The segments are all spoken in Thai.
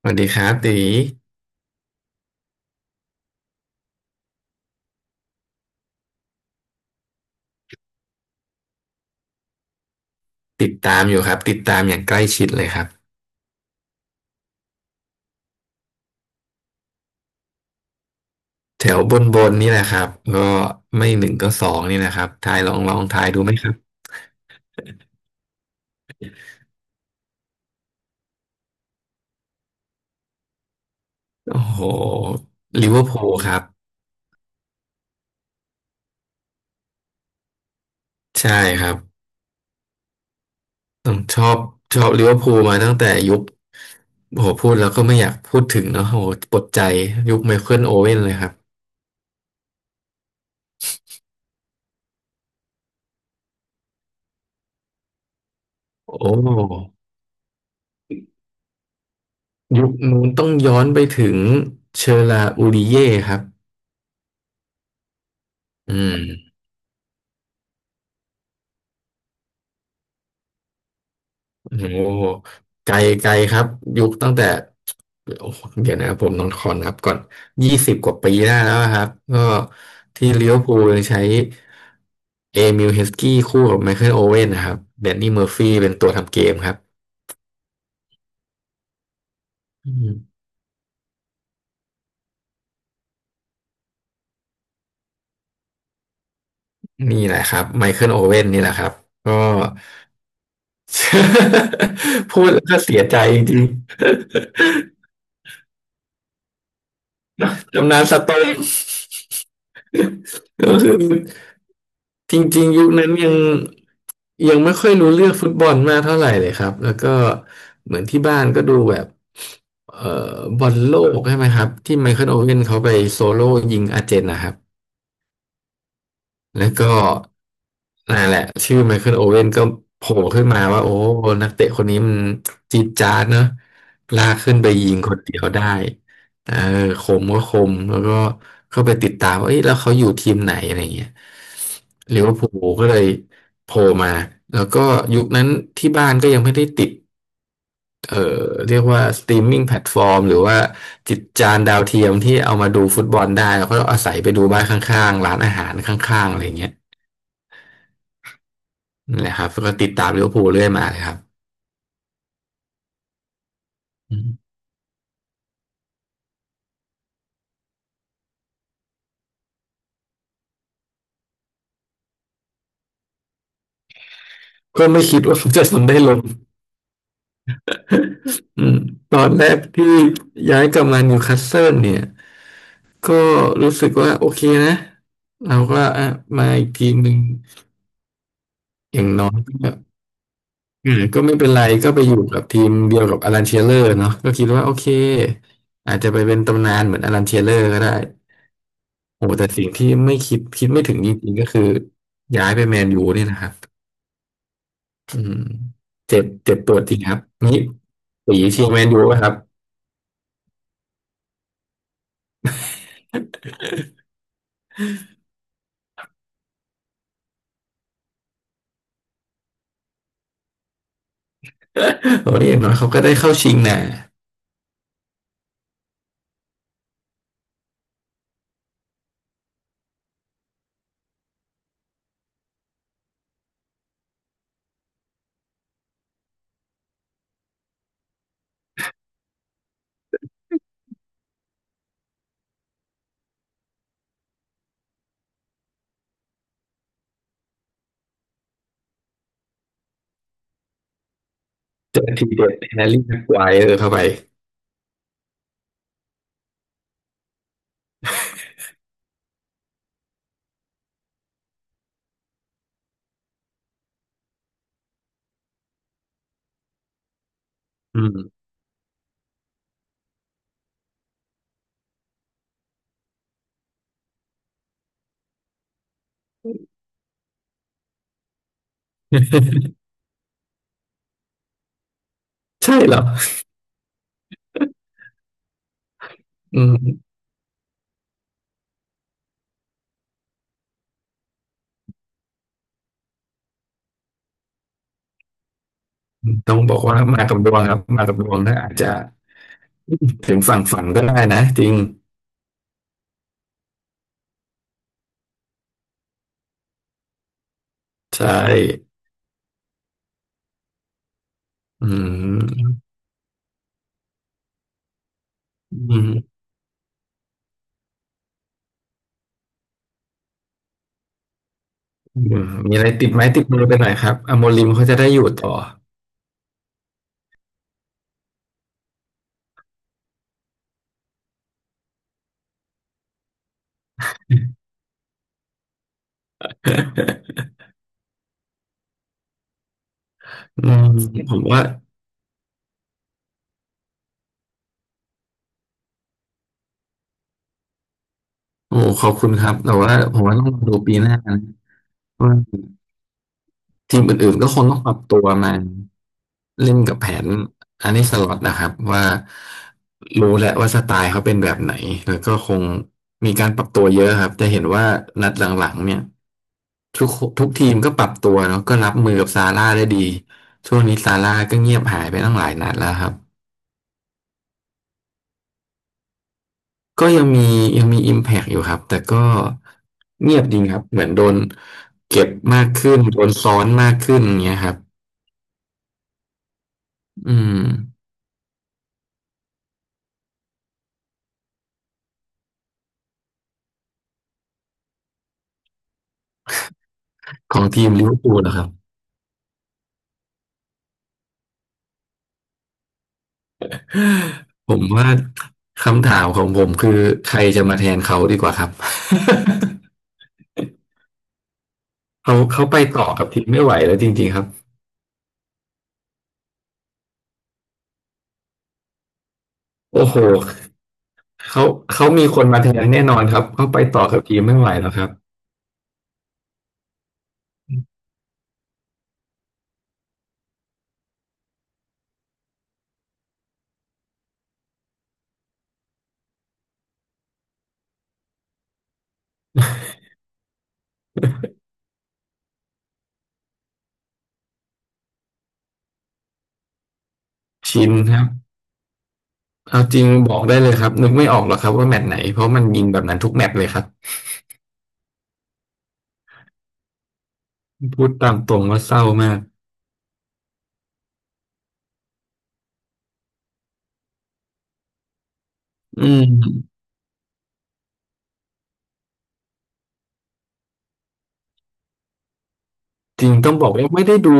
สวัสดีครับตีติดตามอยู่ครับติดตามอย่างใกล้ชิดเลยครับแถวบนบนนี่แหละครับก็ไม่หนึ่งก็สองนี่นะครับทายลองทายดูไหมครับโอ้โหลิเวอร์พูลครับใช่ครับต้องชอบลิเวอร์พูลมาตั้งแต่ยุคโอ้โหพูดแล้วก็ไม่อยากพูดถึงเนาะโอ้โหปวดใจยุคไมเคิลโอเว่นเลยครับโอ้ยุคนู้นต้องย้อนไปถึงเชอราอูริเย่ครับอืม โอ้โหไกลไกลครับยุคตั้งแต่โอ้โหเดี๋ยวนะผมนอนคอนครับก่อน20 กว่าปีได้แล้วครับก็ที่ลิเวอร์พูลยังใช้เอมิลเฮสกี้คู่กับไมเคิลโอเว่นนะครับแดนนี่เมอร์ฟี่เป็นตัวทำเกมครับอืมนี่แหละครับไมเคิลโอเว่นนี่แหละครับก็ พูดแล้วก็เสียใจจริงๆตำนานสโต๊กก็คือ จริงๆยุคนั้นยังไม่ค่อยรู้เรื่องฟุตบอลมากเท่าไหร่เลยครับแล้วก็เหมือนที่บ้านก็ดูแบบเอ่บอลโลกใช่ไหมครับที่ไมเคิลโอเว่นเขาไปโซโล่ยิงอาร์เจนนะครับ แล้วก็นั่นแหละชื่อไมเคิลโอเว่นก็โผล่ขึ้นมาว่าโอ้นักเตะคนนี้มันจี๊ดจ๊าดเนอะลากขึ้นไปยิงคนเดียวได้เออคมก็คมแล้วก็เข้าไปติดตามว่าเอ้ยแล้วเขาอยู่ทีมไหนอะไรเงี้ยลิเวอร์พูลก็เลยโผล่มาแล้วก็ยุคนั้นที่บ้านก็ยังไม่ได้ติดเอ่อเรียกว่าสตรีมมิ่งแพลตฟอร์มหรือว่าจิตจานดาวเทียมที่เอามาดูฟุตบอลได้เราก็อาศัยไปดูบ้านข้างๆร้านอาหารข้างๆอะไรเงี้ย นั่นแหละครับก็ติดตามลิเวอร์พูลเรื่อยมาเลยครับอืมก็ไม่คิดว่าจะทำได้ลงอืมตอนแรกที่ย้ายกลับมานิวคาสเซิลเนี่ยก็รู้สึกว่าโอเคนะเราก็อ่ะมาอีกทีมหนึ่งอย่างน้อยก็เออก็ไม่เป็นไรก็ไปอยู่กับทีมเดียวกับอลันเชียเลอร์เนาะก็คิดว่าโอเคอาจจะไปเป็นตำนานเหมือนอลันเชียเลอร์ก็ได้โอ้แต่สิ่งที่ไม่คิดคิดไม่ถึงจริงๆก็คือย้ายไปแมนยูเนี่ยนะครับ อืมเจ็บเจ็บปวดจริงครับนี่สีเชียร์แมนยูป่ะครับ โอ้ยอย่างน้อยเขาก็ได้เข้าชิงนะเปิทีเด็ดแฮร์รี่แม็กไกวร์เข้าไปอืมใช่เหรออืมต้องบอกว่ามากับดวงครับมากับดวงถ้าอาจจะถึงฝั่งฝันก็ได้นะจริงใช่อืมอืมอืมมีอะไรติดไม้ติดมือไปหน่อยครับอโมริมเขาจะได้อยู่ต่อ อืมผมว่าโอ้ขอบคุณครับแต่ว่าผมว่าต้องรอดูปีหน้านะว่า ทีมอื่นๆก็คงต้องปรับตัวมาเล่นกับแผนอันนี้สล็อตนะครับว่ารู้แหละว่าสไตล์เขาเป็นแบบไหนแล้วก็คงมีการปรับตัวเยอะครับจะเห็นว่านัดหลังๆเนี่ยทุกทุกทีมก็ปรับตัวเนาะก็รับมือกับซาร่าได้ดีช่วงนี้ซาร่าก็เงียบหายไปตั้งหลายนัดแล้วครับก็ยังมี Impact อยู่ครับแต่ก็เงียบจริงครับเหมือนโดนเก็บมากขึ้นโดนซ้อนมากขึ้นอย่างเงี้ยครับอืมของทีมลิเวอร์พูลนะครับ ผมว่าคำถามของผมคือใครจะมาแทนเขาดีกว่าครับ เขาไปต่อกับทีมไม่ไหวแล้วจริงๆครับโอ้โหเขาเขามีคนมาแทนแน่นอนครับเขาไปต่อกับทีมไม่ไหวแล้วครับชินครับเอาจริงบอกได้เลยครับนึกไม่ออกหรอกครับว่าแมตช์ไหนเพราะมันยิงแบบนั้นทุกแมตช์เลยครับพูดตามตรงว่าเศร้ามากอืม จริงต้องบอกว่าไม่ได้ดู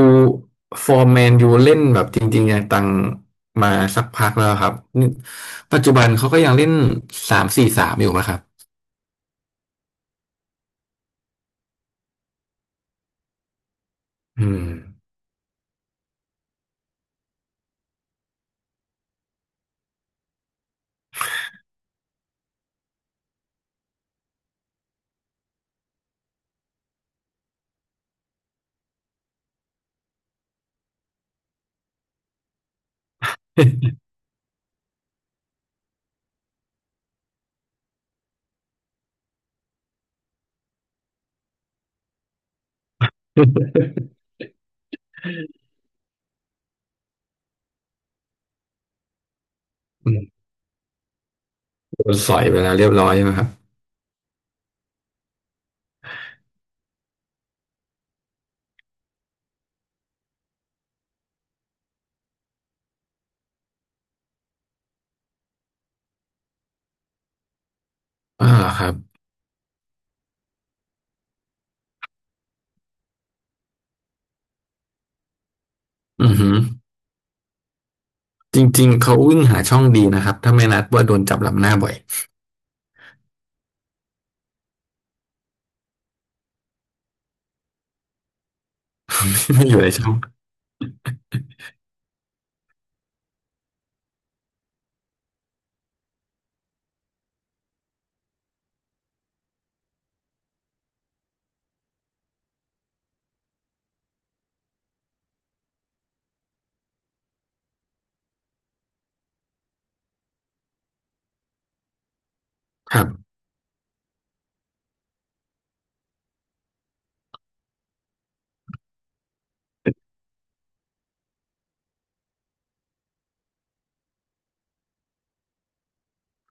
ฟอร์แมนยูเล่นแบบจริงๆอย่างตังมาสักพักแล้วครับนี่ปัจจุบันเขาก็ยังเล่น3-4-3อยู่ไหมครับอืม อืมโดนสอยไปแล้วเรียบร้อยใช่ไหมครับอ่าวเหรอครับอือหือจริงๆเขาวิ่งหาช่องดีนะครับถ้าไม่นัดว่าโดนจับหลับหน้าบ่อย ไม่อยู่ในช่องครับ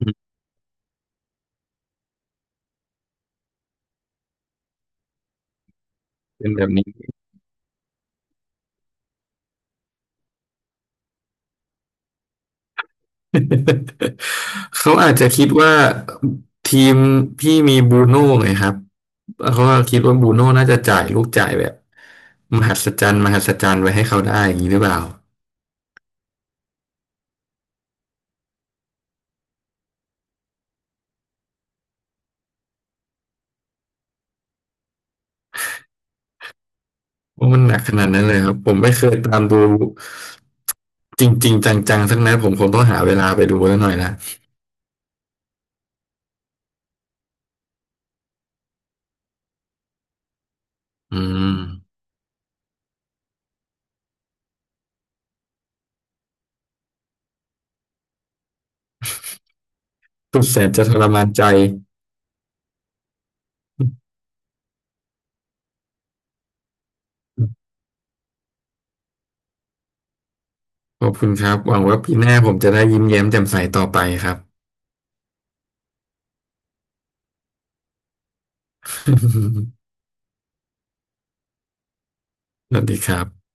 อืมเป็นแบบนี้ เขาอาจจะคิดว่าทีมพี่มีบรูโน่ไงครับเขาก็คิดว่าบรูโน่น่าจะจ่ายลูกจ่ายแบบมหัศจรรย์มหัศจรรย์ไว้ให้เขาได้อย่างนี้หรือเปล่าว่ามันหนักขนาดนั้นเลยครับผมไม่เคยตามดูจริงๆจังๆสักนัดผมคงต้องหาเวลาไปดูแล้วหน่อยละอืมสุดแสนจะทรมานใจขอบคุณครับหวังว่าปีหน้าผมจะได้ยิ้มแย้มแจ่มใสต่อไปครับ สวัสดีครับ